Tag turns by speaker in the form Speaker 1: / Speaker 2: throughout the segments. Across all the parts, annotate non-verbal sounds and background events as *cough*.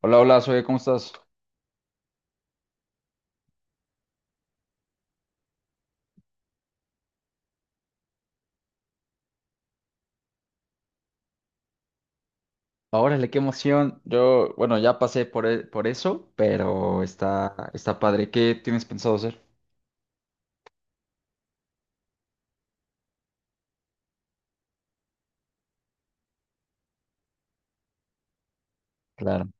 Speaker 1: Hola, hola, soy, ¿cómo estás? Órale, qué emoción. Yo, bueno, ya pasé por, por eso, pero está padre. ¿Qué tienes pensado hacer? Claro.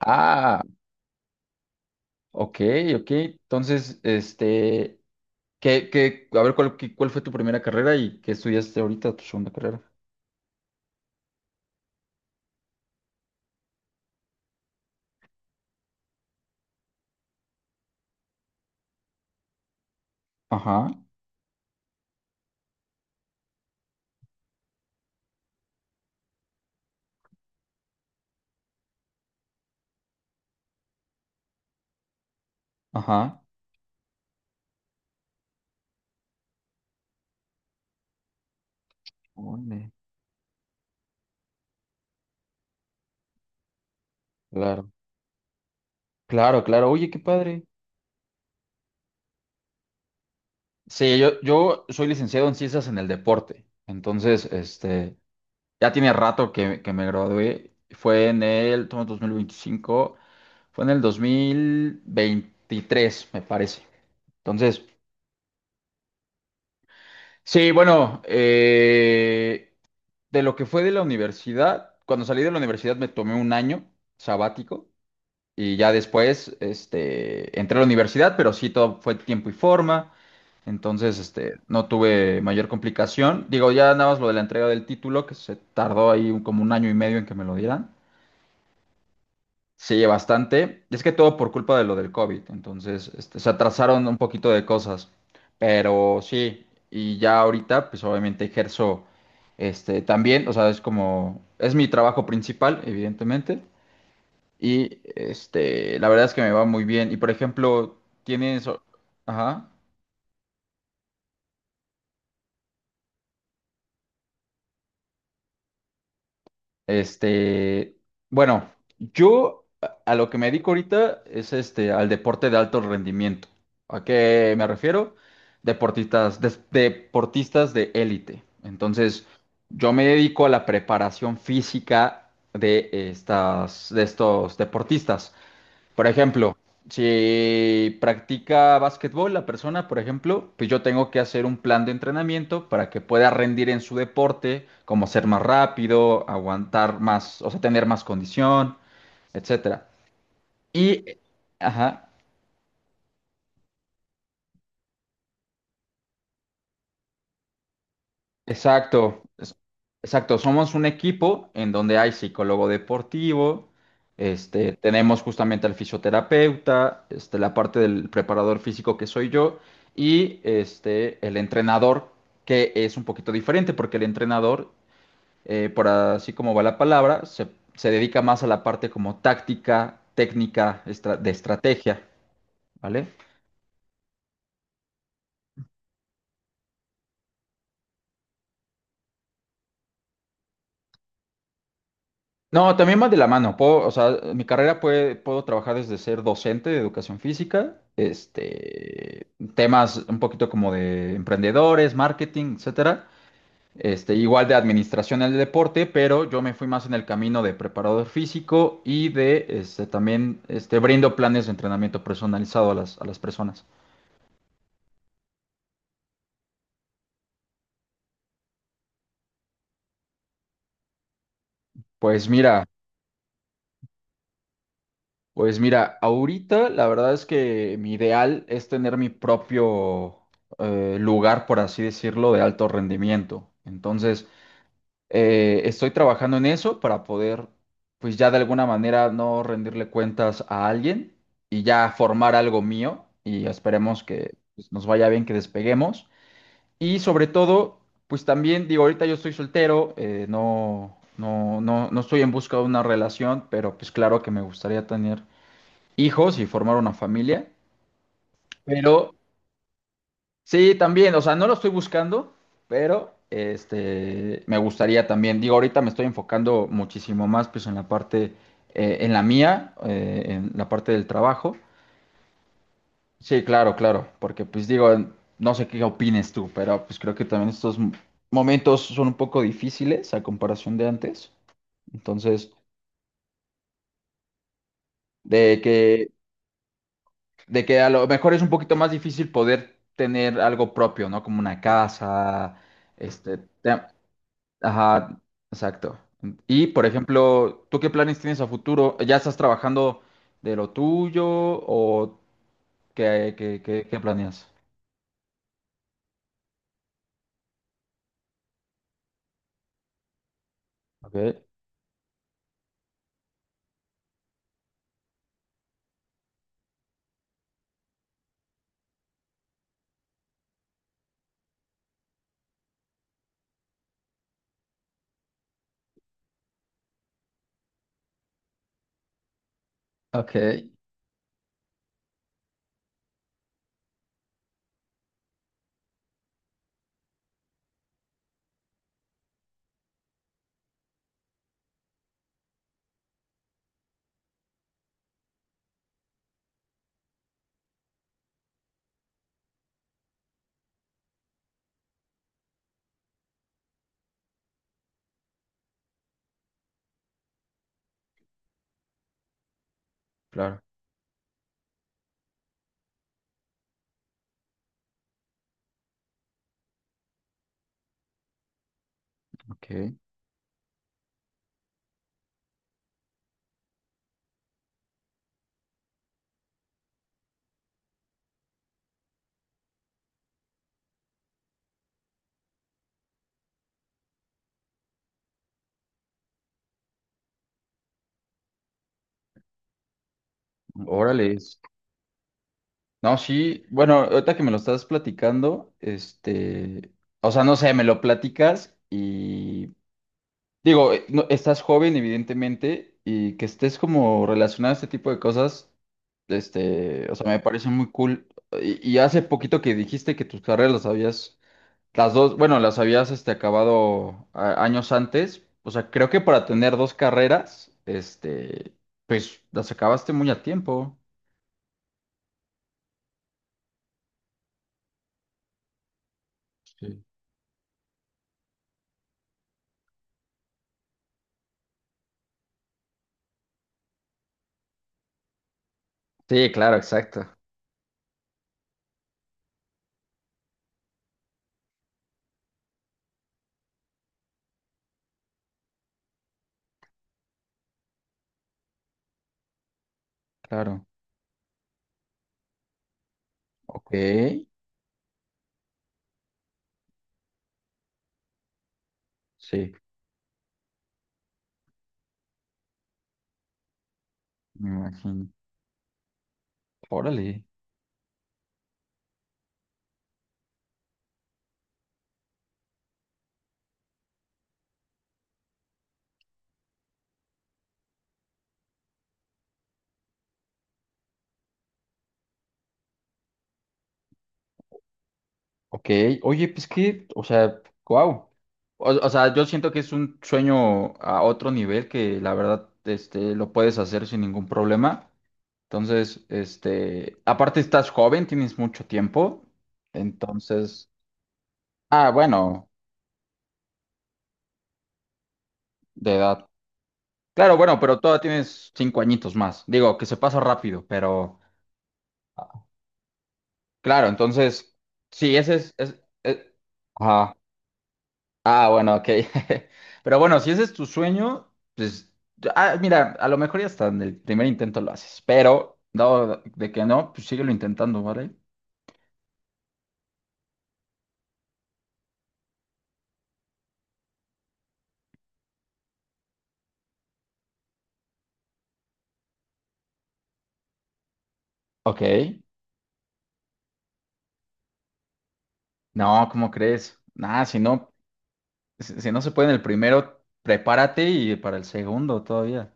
Speaker 1: Ah, ok, ok. Entonces, este, a ver, ¿cuál fue tu primera carrera y qué estudiaste ahorita, tu segunda carrera? Ajá, ajá. Órale. Claro, claro, claro. Oye, qué padre. Sí, yo soy licenciado en ciencias en el deporte. Entonces, este, ya tiene rato que me gradué. Fue en el, estamos en 2025, fue en el 2023, me parece. Entonces, sí, bueno, de lo que fue de la universidad, cuando salí de la universidad me tomé un año sabático y ya después, este, entré a la universidad, pero sí, todo fue tiempo y forma. Entonces, este, no tuve mayor complicación. Digo, ya nada más lo de la entrega del título, que se tardó ahí como un año y medio en que me lo dieran. Sí, bastante. Es que todo por culpa de lo del COVID, entonces este, se atrasaron un poquito de cosas, pero sí, y ya ahorita pues obviamente ejerzo este también, o sea, es como, es mi trabajo principal, evidentemente, y este, la verdad es que me va muy bien. Y por ejemplo, tienes, ajá. Este, bueno, yo a lo que me dedico ahorita es este al deporte de alto rendimiento. ¿A qué me refiero? Deportistas, deportistas de élite. Entonces, yo me dedico a la preparación física de estas, de estos deportistas. Por ejemplo, si practica básquetbol la persona, por ejemplo, pues yo tengo que hacer un plan de entrenamiento para que pueda rendir en su deporte, como ser más rápido, aguantar más, o sea, tener más condición, etcétera. Y, ajá, exacto, exacto. Somos un equipo en donde hay psicólogo deportivo, este, tenemos justamente al fisioterapeuta, este, la parte del preparador físico que soy yo y este, el entrenador que es un poquito diferente porque el entrenador, por así como va la palabra, se dedica más a la parte como táctica, técnica, de estrategia, ¿vale? No, también va de la mano. Puedo, o sea, mi carrera puede, puedo trabajar desde ser docente de educación física, este, temas un poquito como de emprendedores, marketing, etcétera. Este, igual de administración del deporte, pero yo me fui más en el camino de preparador físico y de este también este brindo planes de entrenamiento personalizado a las personas. Pues mira, Pues mira, ahorita la verdad es que mi ideal es tener mi propio lugar, por así decirlo, de alto rendimiento. Entonces, estoy trabajando en eso para poder, pues ya de alguna manera no rendirle cuentas a alguien y ya formar algo mío y esperemos que pues, nos vaya bien, que despeguemos. Y sobre todo, pues también digo, ahorita yo estoy soltero, no estoy en busca de una relación, pero pues claro que me gustaría tener hijos y formar una familia, pero sí, también, o sea, no lo estoy buscando, pero este, me gustaría también, digo, ahorita me estoy enfocando muchísimo más pues en la parte, en la mía, en la parte del trabajo. Sí, claro, claro, porque pues digo, no sé qué opines tú, pero pues creo que también estos momentos son un poco difíciles a comparación de antes, entonces, de que... de que a lo mejor es un poquito más difícil poder tener algo propio, ¿no? Como una casa, este, ajá, exacto. Y, por ejemplo, ¿tú qué planes tienes a futuro? ¿Ya estás trabajando de lo tuyo o qué planeas? Ok, ok, claro, ok. Órale. No, sí, bueno, ahorita que me lo estás platicando, este, o sea, no sé, me lo platicas y digo, estás joven, evidentemente, y que estés como relacionado a este tipo de cosas, este, o sea, me parece muy cool. Y hace poquito que dijiste que tus carreras las habías, las dos, bueno, las habías, este, acabado años antes. O sea, creo que para tener dos carreras, este, pues las acabaste muy a tiempo. Sí. Sí, claro, exacto. Claro. Ok, sí, me imagino. Órale. Ok, oye, pues que, o sea, wow. O sea, yo siento que es un sueño a otro nivel que la verdad, este, lo puedes hacer sin ningún problema. Entonces, este, aparte estás joven, tienes mucho tiempo. Entonces, ah, bueno, de edad. Claro, bueno, pero todavía tienes cinco añitos más. Digo, que se pasa rápido, pero ah, claro, entonces, sí, ese es- ajá. Ah, bueno, ok. *laughs* Pero bueno, si ese es tu sueño, pues, ah, mira, a lo mejor ya hasta en el primer intento lo haces, pero dado de que no, pues síguelo intentando, ¿vale? Ok. No, ¿cómo crees? Nada, si no, si no se puede en el primero, prepárate y para el segundo todavía.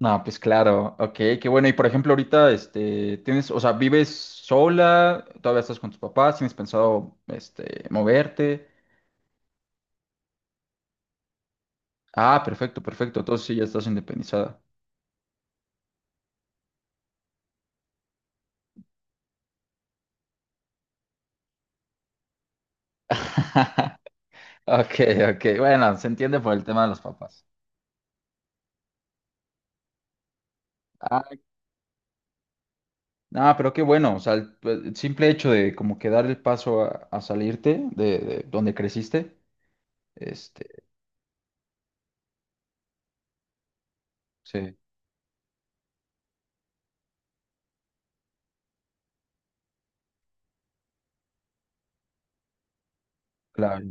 Speaker 1: No, pues claro, ok, qué bueno. Y por ejemplo, ahorita, este, tienes, o sea, ¿vives sola? ¿Todavía estás con tus papás? ¿Tienes pensado, este, moverte? Ah, perfecto, perfecto. Entonces sí, ya estás independizada. *laughs* Ok, ok. Bueno, se entiende por el tema de los papás. Ah, no, pero qué bueno. O sea, el, pues, el simple hecho de como que dar el paso a salirte de donde creciste. Este, sí, claro.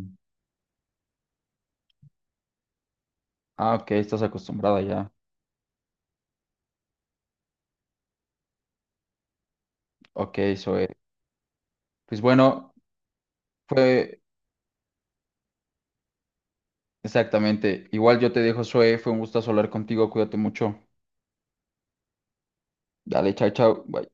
Speaker 1: Ah, ok, estás acostumbrada ya. Ok, Zoe. Pues bueno, fue exactamente. Igual yo te dejo, Zoe. Fue un gusto hablar contigo. Cuídate mucho. Dale, chao, chao. Bye.